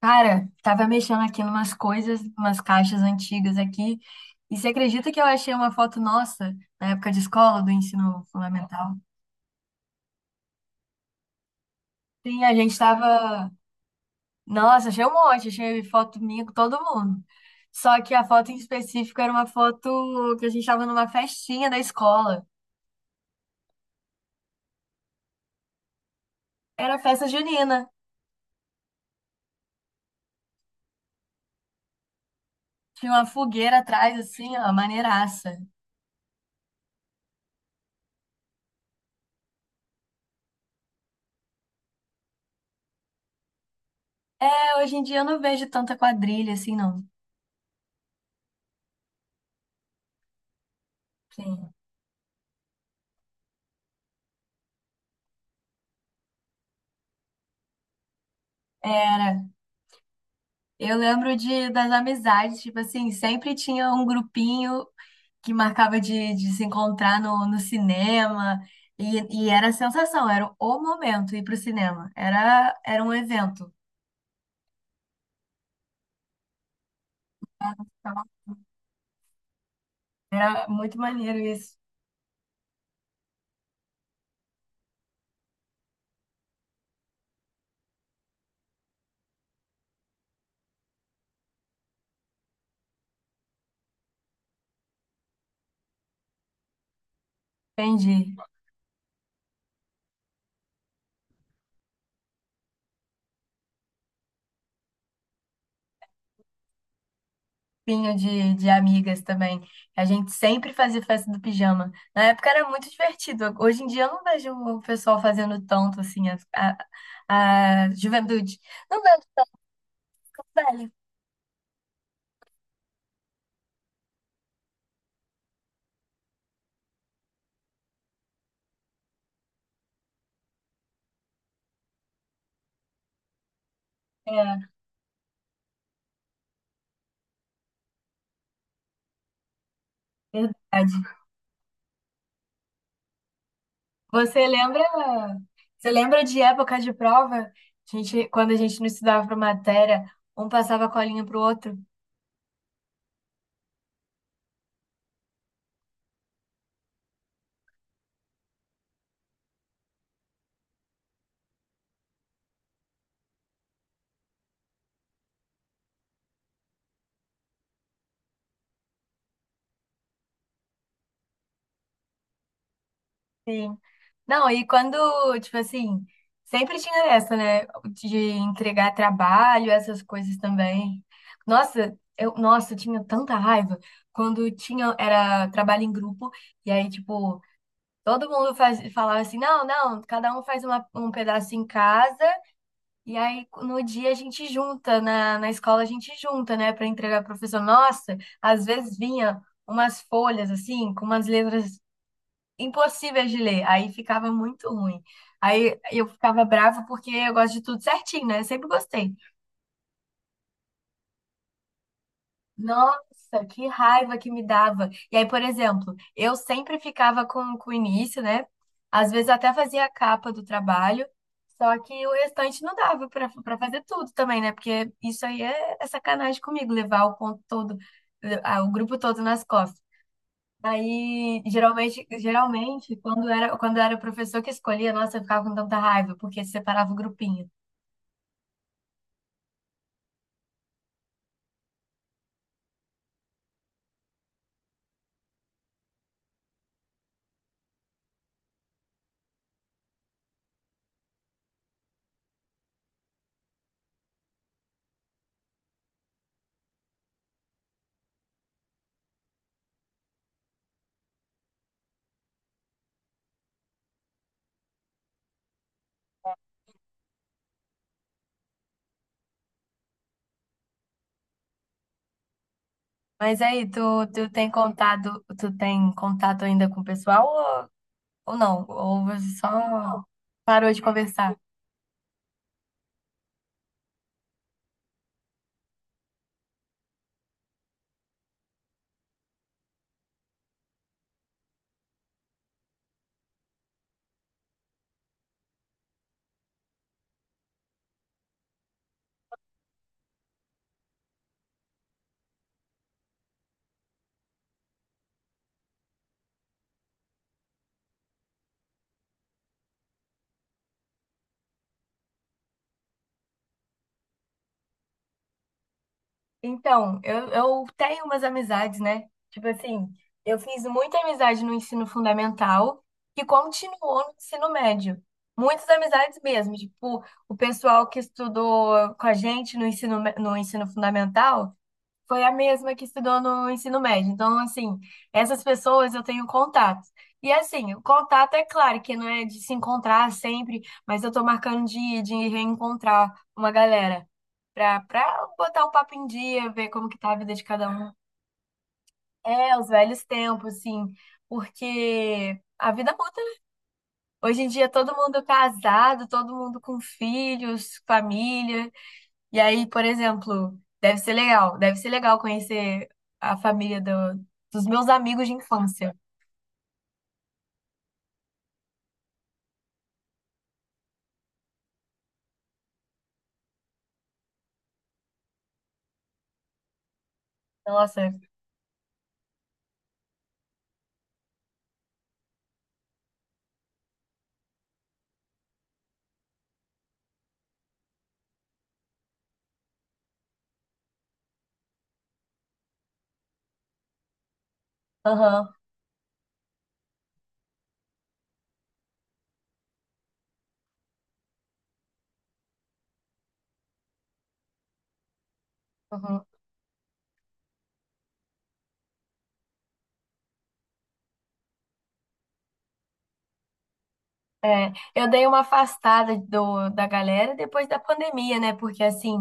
Cara, tava mexendo aqui numas coisas, umas caixas antigas aqui, e você acredita que eu achei uma foto nossa na época de escola, do ensino fundamental? Sim, a gente tava. Nossa, achei um monte, achei foto minha com todo mundo. Só que a foto em específico era uma foto que a gente tava numa festinha da escola. Era festa junina. Tinha uma fogueira atrás, assim, ó, maneiraça. É, hoje em dia eu não vejo tanta quadrilha assim, não. Sim. Era. Eu lembro das amizades, tipo assim, sempre tinha um grupinho que marcava de se encontrar no cinema, e era a sensação, era o momento ir pro cinema, era um evento. Então, era muito maneiro isso. Entendi. Grupinho de amigas também. A gente sempre fazia festa do pijama. Na época era muito divertido. Hoje em dia eu não vejo o pessoal fazendo tanto assim, a juventude. Não vejo, velho. É, verdade. Você lembra, Você lembra de época de prova? A gente, quando a gente não estudava para matéria, um passava a colinha pro outro. Sim. Não, e quando, tipo assim, sempre tinha essa, né, de entregar trabalho, essas coisas também. Nossa, eu tinha tanta raiva quando tinha era trabalho em grupo e aí tipo, todo mundo faz, falava assim: "Não, não, cada um faz uma- um pedaço em casa". E aí, no dia a gente junta, na escola a gente junta, né, para entregar pro professor. Nossa, às vezes vinha umas folhas assim, com umas letras impossíveis de ler, aí ficava muito ruim. Aí eu ficava brava porque eu gosto de tudo certinho, né? Eu sempre gostei. Nossa, que raiva que me dava. E aí, por exemplo, eu sempre ficava com o início, né? Às vezes até fazia a capa do trabalho, só que o restante não dava para fazer tudo também, né? Porque isso aí é sacanagem comigo, levar o ponto todo, o grupo todo nas costas. Aí, geralmente, quando era o professor que escolhia, nossa, eu ficava com tanta raiva, porque separava o grupinho. Mas aí, tu tem contato ainda com o pessoal? Ou não? Ou você só... Não. Parou de conversar? Então, eu tenho umas amizades, né? Tipo assim, eu fiz muita amizade no ensino fundamental que continuou no ensino médio. Muitas amizades mesmo. Tipo, o pessoal que estudou com a gente no no ensino fundamental foi a mesma que estudou no ensino médio. Então, assim, essas pessoas eu tenho contato. E assim, o contato é claro que não é de se encontrar sempre, mas eu tô marcando de reencontrar uma galera pra botar o papo em dia, ver como que tá a vida de cada um. É, os velhos tempos, assim, porque a vida muda, né? Hoje em dia todo mundo casado, todo mundo com filhos, família. E aí, por exemplo, deve ser legal conhecer a família do- dos meus amigos de infância. Nossa, aham, aham. Eu dei uma afastada da galera depois da pandemia, né? Porque assim,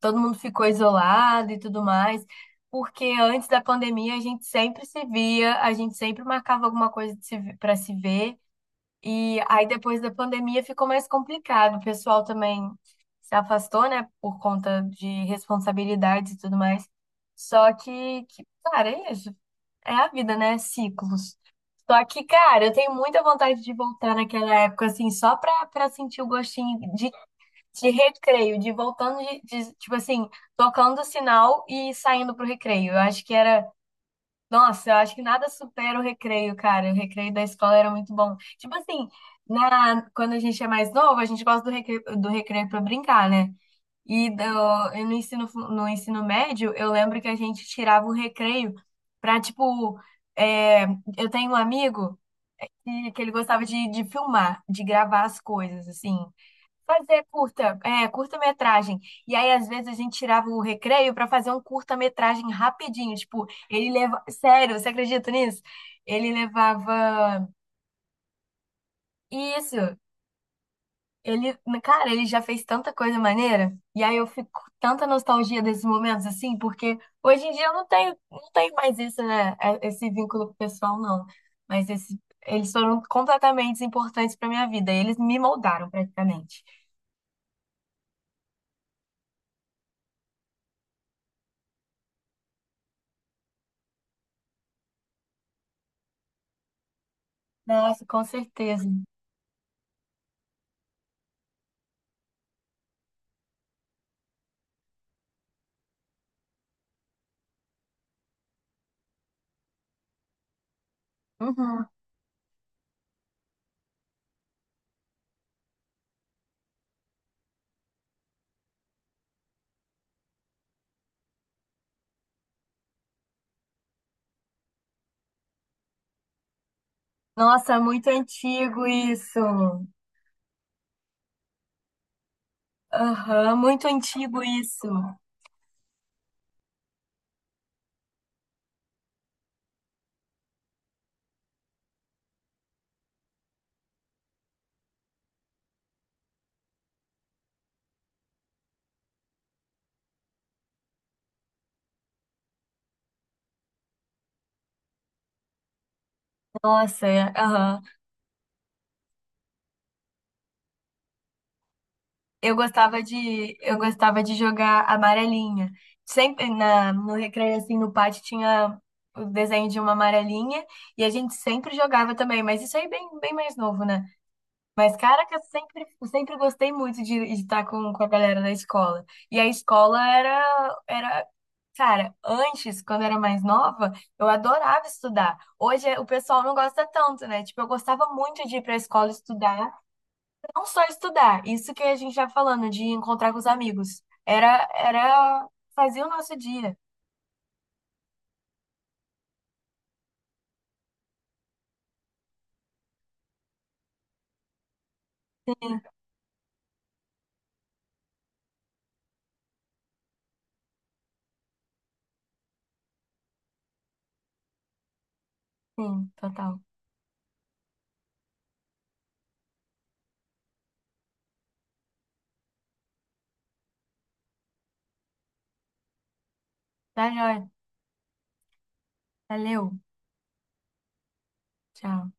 todo mundo ficou isolado e tudo mais. Porque antes da pandemia a gente sempre se via, a gente sempre marcava alguma coisa de se, para se ver. E aí, depois da pandemia, ficou mais complicado. O pessoal também se afastou, né, por conta de responsabilidades e tudo mais. Só que, cara, é isso. É a vida, né? Ciclos. Só que, cara, eu tenho muita vontade de voltar naquela época, assim, só pra sentir o gostinho de recreio, de voltando, tipo assim, tocando o sinal e saindo pro recreio. Eu acho que era... Nossa, eu acho que nada supera o recreio, cara. O recreio da escola era muito bom. Tipo assim, na, quando a gente é mais novo, a gente gosta do recreio para brincar, né? E, do, e no no ensino médio, eu lembro que a gente tirava o recreio pra, tipo, é, eu tenho um amigo que ele gostava de filmar, de gravar as coisas, assim. Fazer curta, é, curta-metragem. E aí, às vezes, a gente tirava o recreio para fazer um curta-metragem rapidinho. Tipo, ele leva... Sério, você acredita nisso? Ele levava. Isso. Ele, cara, ele já fez tanta coisa maneira. E aí eu fico com tanta nostalgia desses momentos, assim, porque hoje em dia eu não tenho mais isso, né? É- esse vínculo com o pessoal, não. Mas esse, eles foram completamente importantes para minha vida. Eles me moldaram praticamente. Nossa, com certeza. Uhum. Nossa, é muito antigo isso. Aham, muito antigo isso. Nossa, é, aham. Eu gostava de jogar amarelinha. Sempre na no recreio assim no pátio tinha o desenho de uma amarelinha e a gente sempre jogava também, mas isso aí bem mais novo, né? Mas caraca, eu sempre gostei muito de estar com a galera da escola. E a escola era... Cara, antes, quando eu era mais nova, eu adorava estudar. Hoje o pessoal não gosta tanto, né? Tipo, eu gostava muito de ir pra escola estudar, não só estudar, isso que a gente tá falando, de encontrar com os amigos. Fazia o nosso dia. Sim, sim, total. Tá joia. Valeu. Tchau.